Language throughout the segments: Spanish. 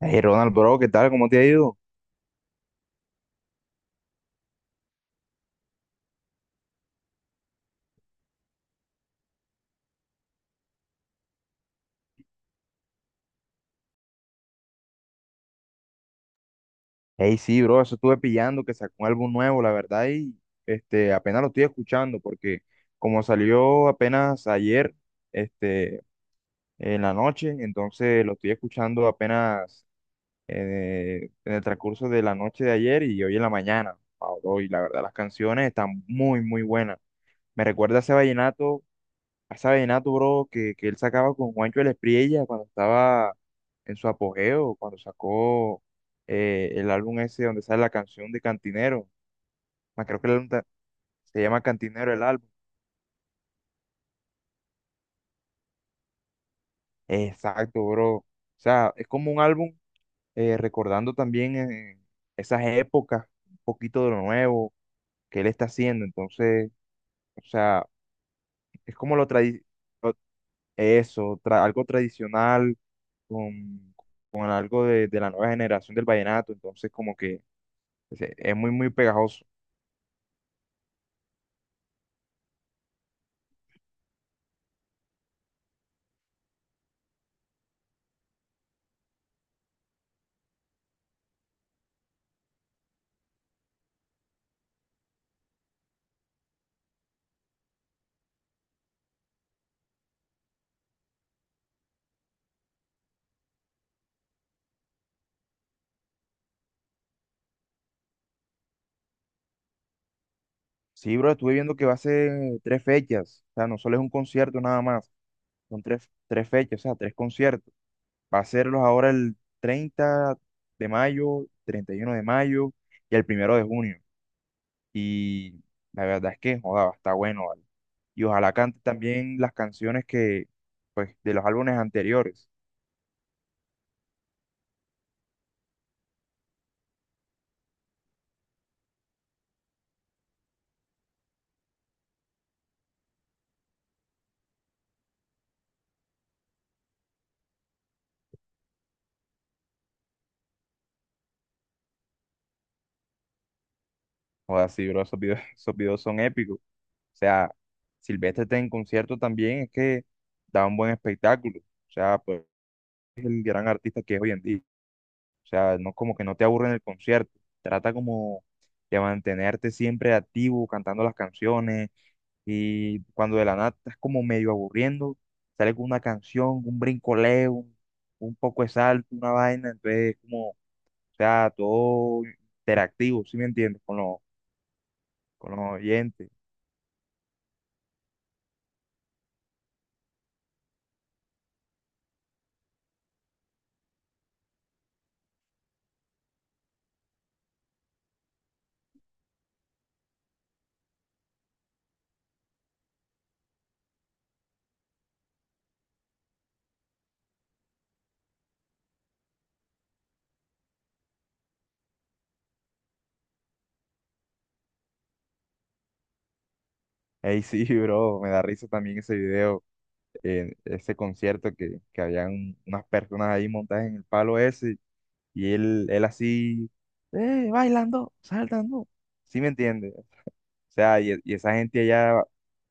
Hey Ronald, bro, ¿qué tal? ¿Cómo te ha ido? Hey, sí, bro, eso estuve pillando que sacó un álbum nuevo, la verdad, y apenas lo estoy escuchando porque como salió apenas ayer, este, en la noche, entonces lo estoy escuchando apenas en el transcurso de la noche de ayer y hoy en la mañana. Ah, bro, y la verdad, las canciones están muy, muy buenas. Me recuerda a ese vallenato, bro, que él sacaba con Juancho el Espriella cuando estaba en su apogeo, cuando sacó el álbum ese donde sale la canción de Cantinero. Más creo que se llama Cantinero el álbum. Exacto, bro. O sea, es como un álbum recordando también esas épocas, un poquito de lo nuevo que él está haciendo. Entonces, o sea, es como lo tradicional, algo tradicional con, con algo de la nueva generación del vallenato, entonces como que es muy, muy pegajoso. Sí, bro, estuve viendo que va a ser 3 fechas, o sea, no solo es un concierto nada más, son 3 fechas, o sea, 3 conciertos. Va a serlos ahora el 30 de mayo, 31 de mayo y el primero de junio. Y la verdad es que, joda, está bueno, ¿vale? Y ojalá cante también las canciones pues, de los álbumes anteriores. Joda, sí, bro, esos videos, esos videos son épicos. O sea, Silvestre está en concierto también, es que da un buen espectáculo. O sea, pues es el gran artista que es hoy en día. O sea, no como que no te aburre en el concierto. Trata como de mantenerte siempre activo, cantando las canciones. Y cuando de la nada estás como medio aburriendo, sale con una canción, un brincoleo, un poco de salto, una vaina. Entonces, como, o sea, todo interactivo, ¿sí me entiendes? Con los oyentes. Ey, sí, bro, me da risa también ese video. En ese concierto que habían unas personas ahí montadas en el palo ese y él así, bailando, saltando, ¿sí me entiendes? O sea, y esa gente allá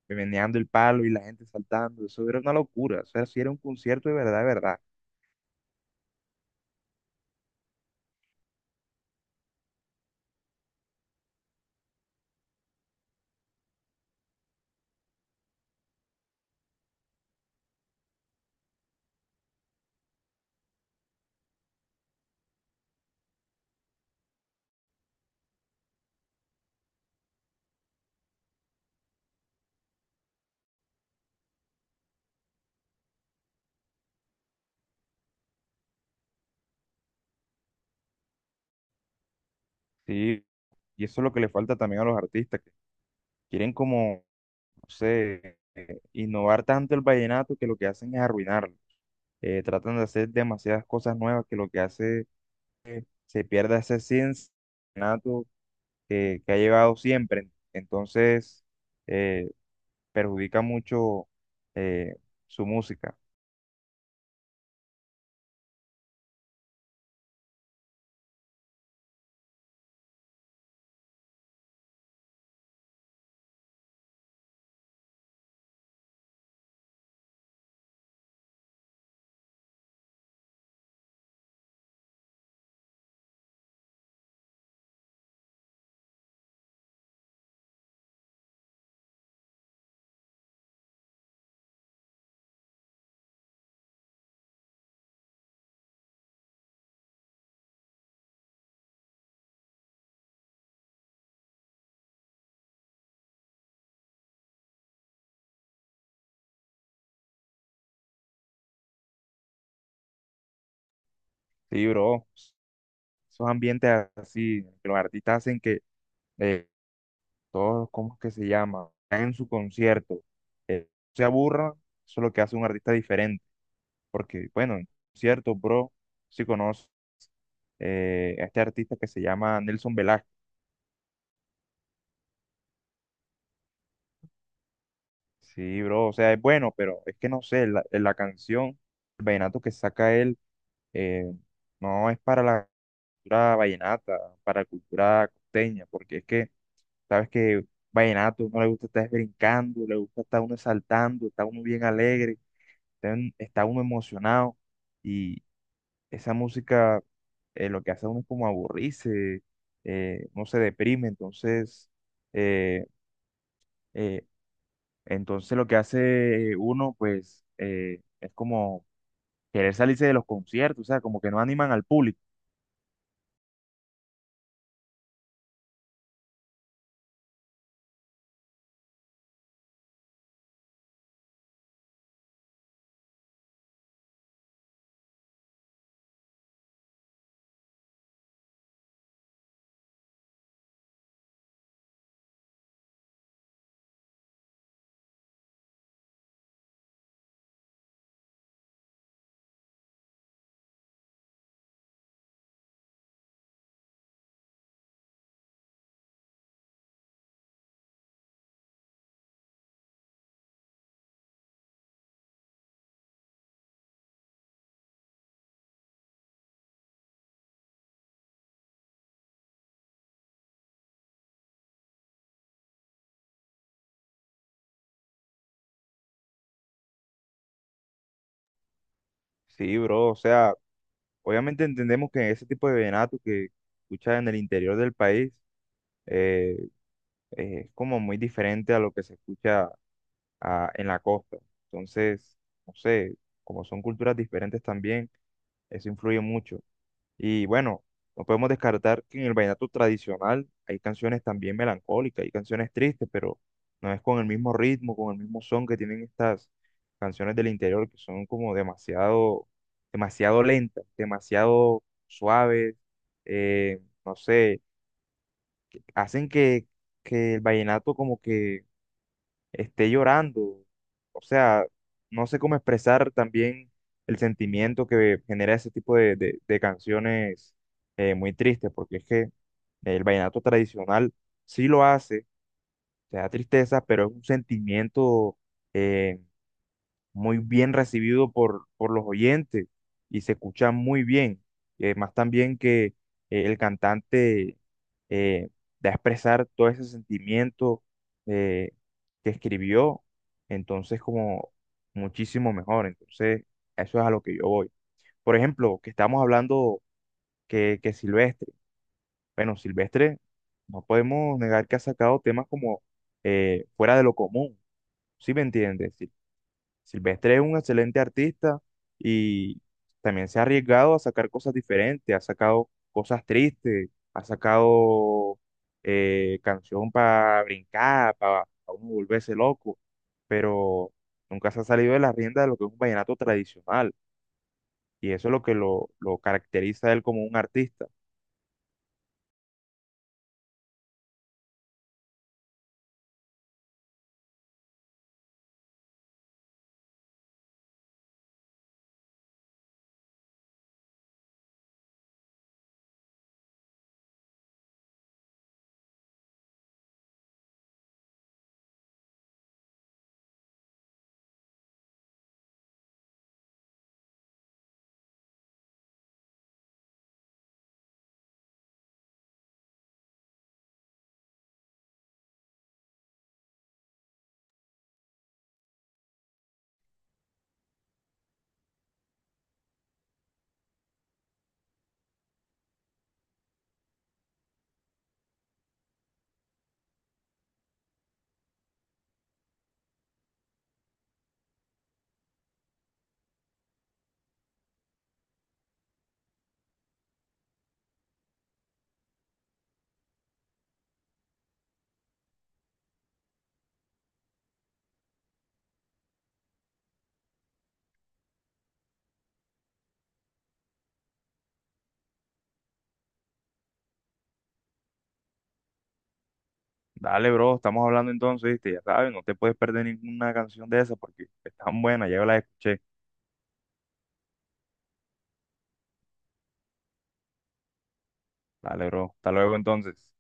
meneando el palo y la gente saltando, eso era una locura, o sea, si era un concierto de verdad, de verdad. Sí, y eso es lo que le falta también a los artistas, que quieren como, no sé, innovar tanto el vallenato que lo que hacen es arruinarlo. Tratan de hacer demasiadas cosas nuevas que lo que hace se pierda ese cincinato que ha llevado siempre. Entonces, eh, perjudica mucho eh, su música. Sí, bro. Esos ambientes así, que los artistas hacen que eh, todos, ¿cómo es que se llama? En su concierto, eh, se aburra, eso es lo que hace un artista diferente. Porque, bueno, en concierto, bro, si conoce a este artista que se llama Nelson Velázquez. Sí, bro, o sea, es bueno, pero es que no sé, la canción, el vallenato que saca él, eh, no es para la cultura vallenata, para la cultura costeña, porque es que, sabes que vallenato no le gusta estar brincando, le gusta estar uno saltando, está uno bien alegre, está uno emocionado, y esa música lo que hace a uno es como aburrirse, uno se deprime, entonces, eh, eh, entonces lo que hace uno, pues, es como querer salirse de los conciertos, o sea, como que no animan al público. Sí, bro, o sea, obviamente entendemos que ese tipo de vallenato que escucha en el interior del país eh, es como muy diferente a lo que se escucha ah, en la costa. Entonces, no sé, como son culturas diferentes también, eso influye mucho. Y bueno, no podemos descartar que en el vallenato tradicional hay canciones también melancólicas, hay canciones tristes, pero no es con el mismo ritmo, con el mismo son que tienen estas canciones del interior, que son como demasiado, demasiado lentas, demasiado suaves, no sé, hacen que el vallenato como que esté llorando. O sea, no sé cómo expresar también el sentimiento que genera ese tipo de canciones muy tristes, porque es que el vallenato tradicional sí lo hace, te da tristeza, pero es un sentimiento eh, muy bien recibido por los oyentes y se escucha muy bien. Y además también que el cantante eh, da a expresar todo ese sentimiento eh, que escribió, entonces como muchísimo mejor. Entonces, eso es a lo que yo voy. Por ejemplo, que estamos hablando que Silvestre, bueno, Silvestre, no podemos negar que ha sacado temas como fuera de lo común, ¿sí me entiendes? Silvestre es un excelente artista y también se ha arriesgado a sacar cosas diferentes, ha sacado cosas tristes, ha sacado canción para brincar, para uno volverse loco, pero nunca se ha salido de la rienda de lo que es un vallenato tradicional y eso es lo que lo caracteriza a él como un artista. Dale, bro, estamos hablando entonces, ¿viste? Ya sabes, no te puedes perder ninguna canción de esa porque es tan buena, ya la escuché. Dale, bro, hasta luego entonces.